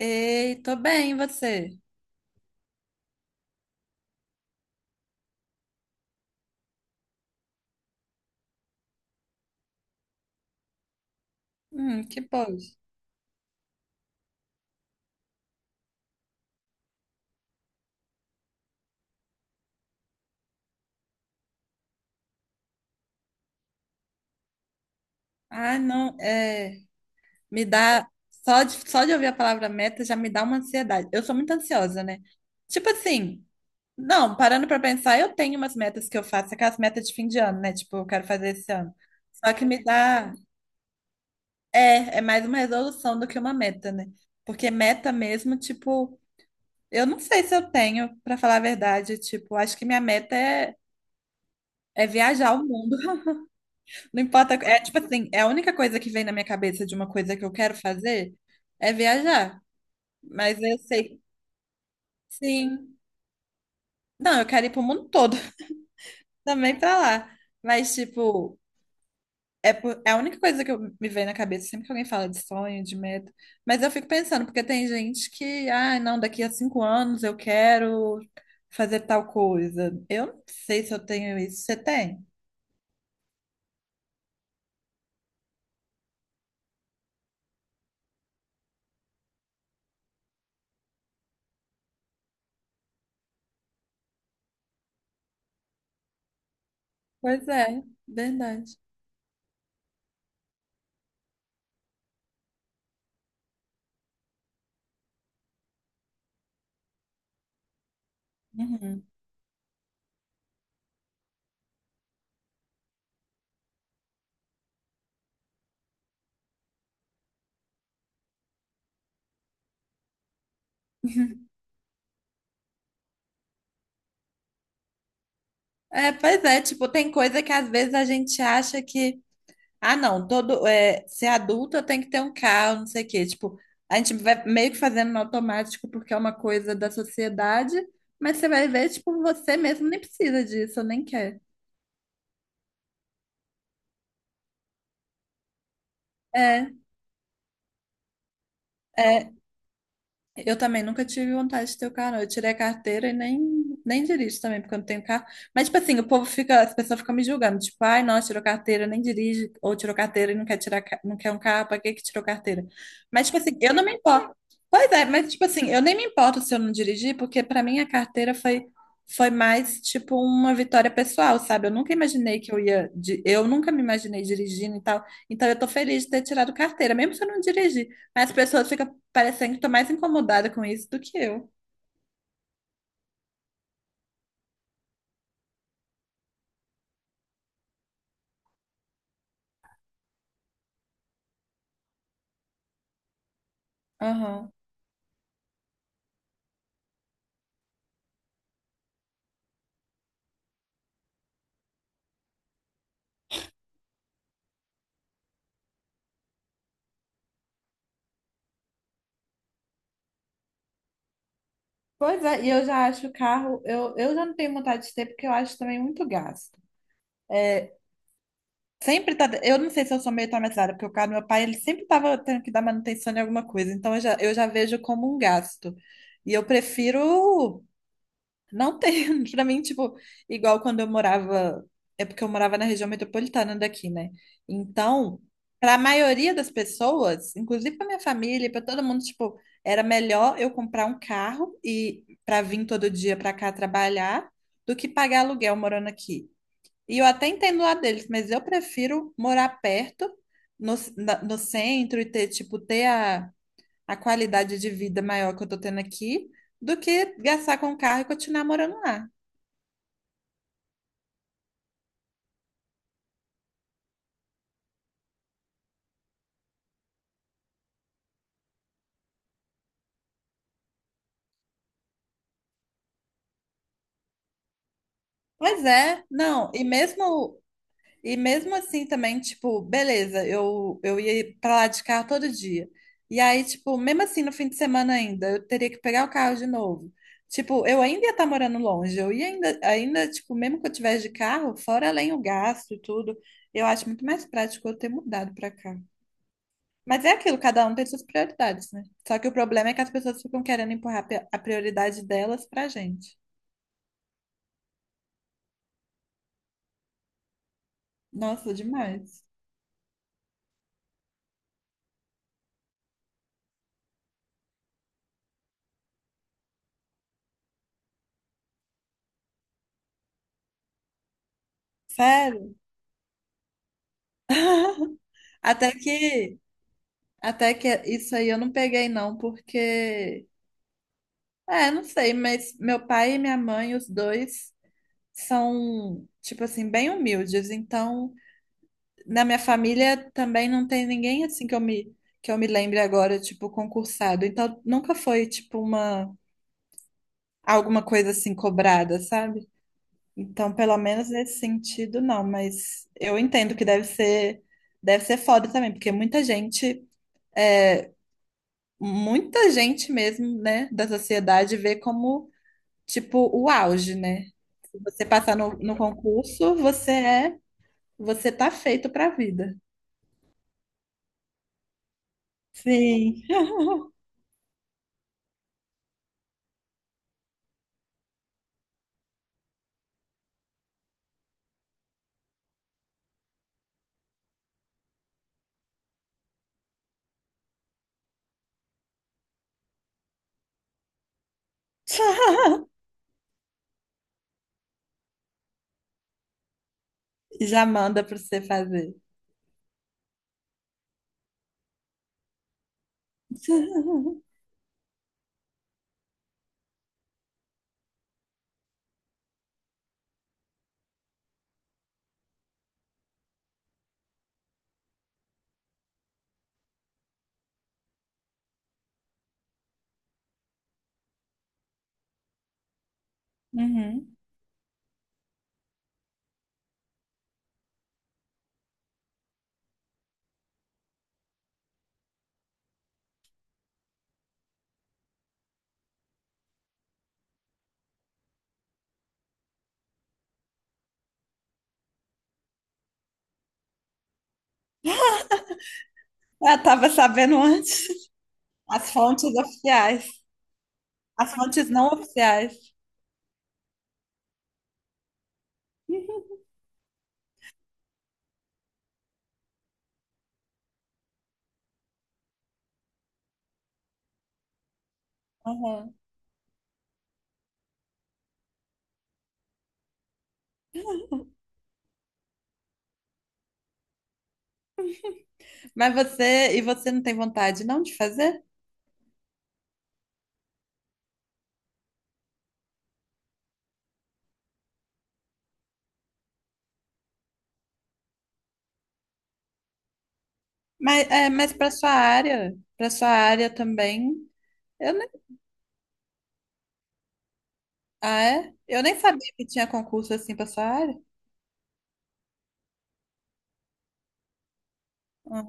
Ei, tô bem, e você? Que pode. Ah, não, me dá, só de ouvir a palavra meta já me dá uma ansiedade. Eu sou muito ansiosa, né? Tipo assim, não, parando pra pensar, eu tenho umas metas que eu faço, aquelas metas de fim de ano, né? Tipo, eu quero fazer esse ano. Só que é mais uma resolução do que uma meta, né? Porque meta mesmo, tipo, eu não sei se eu tenho, pra falar a verdade, tipo, acho que minha meta é viajar o mundo. Não importa. É tipo assim, é a única coisa que vem na minha cabeça de uma coisa que eu quero fazer é viajar. Mas eu sei, sim. Não, eu quero ir pro mundo todo, também pra lá. Mas, tipo, é a única coisa que me vem na cabeça sempre que alguém fala de sonho, de meta. Mas eu fico pensando, porque tem gente que, ah, não, daqui a 5 anos eu quero fazer tal coisa. Eu não sei se eu tenho isso. Você tem? Pois é, verdade. Uhum. É, pois é, tipo, tem coisa que às vezes a gente acha que, ah, não, ser adulto eu tenho que ter um carro, não sei o quê. Tipo, a gente vai meio que fazendo no automático porque é uma coisa da sociedade, mas você vai ver, tipo, você mesmo nem precisa disso, nem quer. É, é, eu também nunca tive vontade de ter o carro, não. Eu tirei a carteira e nem dirijo também, porque eu não tenho carro. Mas, tipo assim, as pessoas ficam me julgando, tipo, ai, nossa, tirou carteira, nem dirige, ou tirou carteira e não quer tirar, não quer um carro, pra que que tirou carteira? Mas, tipo assim, eu não me importo. Pois é, mas, tipo assim, eu nem me importo se eu não dirigir, porque pra mim a carteira foi mais, tipo, uma vitória pessoal, sabe? Eu nunca imaginei que eu nunca me imaginei dirigindo e tal. Então, eu tô feliz de ter tirado carteira, mesmo se eu não dirigir. As pessoas ficam parecendo que tá mais incomodada com isso do que eu. Aham. Pois é, e eu já acho o carro, eu já não tenho vontade de ter, porque eu acho também muito gasto. É, eu não sei se eu sou meio traumatizada, porque o carro do meu pai, ele sempre tava tendo que dar manutenção em alguma coisa, então eu já vejo como um gasto. E eu prefiro. Não tem. Pra mim, tipo, igual quando eu morava, é porque eu morava na região metropolitana daqui, né? Então, pra maioria das pessoas, inclusive pra minha família, e pra todo mundo, tipo, era melhor eu comprar um carro e pra vir todo dia pra cá trabalhar do que pagar aluguel morando aqui. E eu até entendo lá deles, mas eu prefiro morar perto, no centro e ter, tipo, ter a qualidade de vida maior que eu tô tendo aqui do que gastar com o carro e continuar morando lá. Pois é, não, e mesmo assim também, tipo, beleza, eu ia pra lá de carro todo dia. E aí, tipo, mesmo assim no fim de semana ainda, eu teria que pegar o carro de novo. Tipo, eu ainda ia estar morando longe, eu ia ainda, tipo, mesmo que eu tivesse de carro, fora além o gasto e tudo, eu acho muito mais prático eu ter mudado pra cá. Mas é aquilo, cada um tem suas prioridades, né? Só que o problema é que as pessoas ficam querendo empurrar a prioridade delas pra gente. Nossa, demais. Sério? Até que, até que isso aí eu não peguei não, porque, não sei, mas meu pai e minha mãe, os dois, são, tipo assim, bem humildes. Então, na minha família também não tem ninguém assim que eu me lembre agora, tipo, concursado. Então, nunca foi, tipo, alguma coisa assim cobrada, sabe? Então, pelo menos nesse sentido, não, mas eu entendo que deve ser foda também, porque é, muita gente mesmo, né, da sociedade vê como, tipo, o auge, né? Se você passar no concurso, você tá feito pra vida. Sim. Já manda pra você fazer. Uhum. Eu tava sabendo antes. As fontes oficiais. As fontes não oficiais. Uhum. E você não tem vontade não de fazer? Mas para sua área também, eu. Ah, é? Eu nem sabia que tinha concurso assim pra sua área. Ah,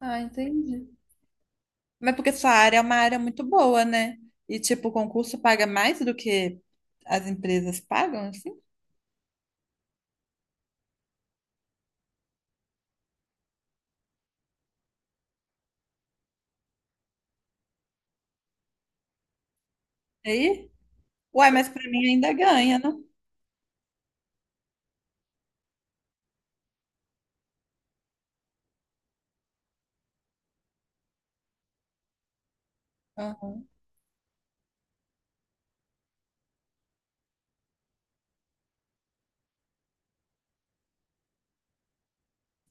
ah, entendi. Mas porque sua área é uma área muito boa, né? E tipo, o concurso paga mais do que as empresas pagam, assim? E aí? Uai, mas pra mim ainda ganha, não? Aham,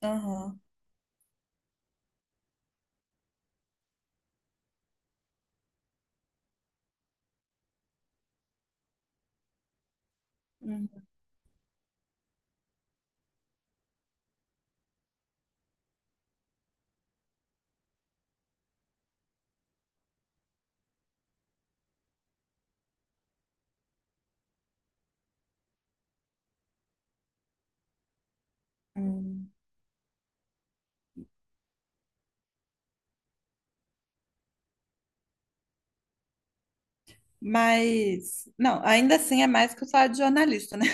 aham. Uhum. Hum. Mas, não, ainda assim é mais que o salário de jornalista, né?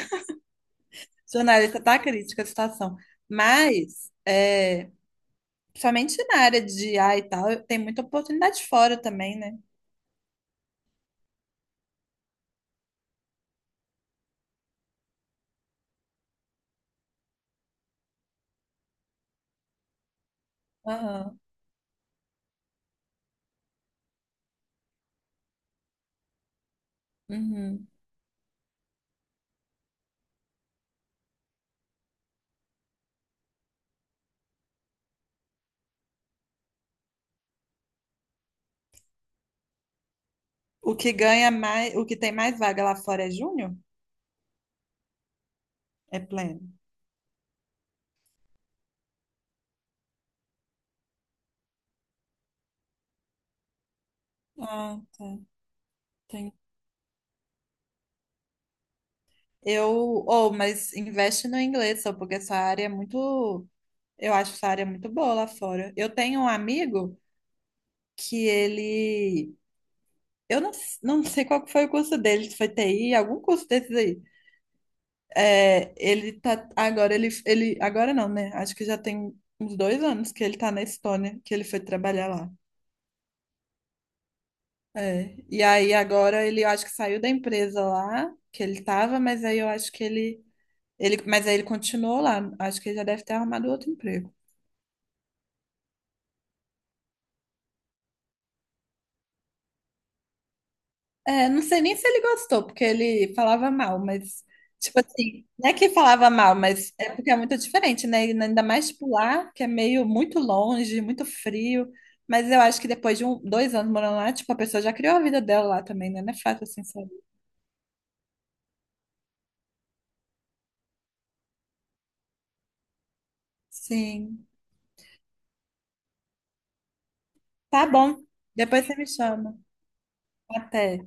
Jornalista tá crítica a situação. Mas, principalmente na área de IA e tal, tem muita oportunidade fora também, né? Aham. Uhum. O que ganha mais, o que tem mais vaga lá fora é júnior? É pleno. Ah, tá. Tem. Eu, mas investe no inglês, só porque essa área é muito, eu acho essa área muito boa lá fora. Eu tenho um amigo. Que ele, eu não, s- não sei qual que foi o curso dele, se foi TI, algum curso desses aí. É, ele tá, agora ele, ele, agora não, né? Acho que já tem uns 2 anos que ele tá na Estônia, que ele foi trabalhar lá. É. E aí agora ele eu acho que saiu da empresa lá que ele tava, mas aí eu acho que mas aí ele continuou lá. Acho que ele já deve ter arrumado outro emprego. É, não sei nem se ele gostou, porque ele falava mal, mas tipo assim, não é que falava mal, mas é porque é muito diferente, né? E ainda mais tipo lá, que é meio muito longe, muito frio. Mas eu acho que depois de um, 2 anos morando lá, tipo, a pessoa já criou a vida dela lá também, né? Não é fácil assim, sabe? Sim. Tá bom. Depois você me chama. Até.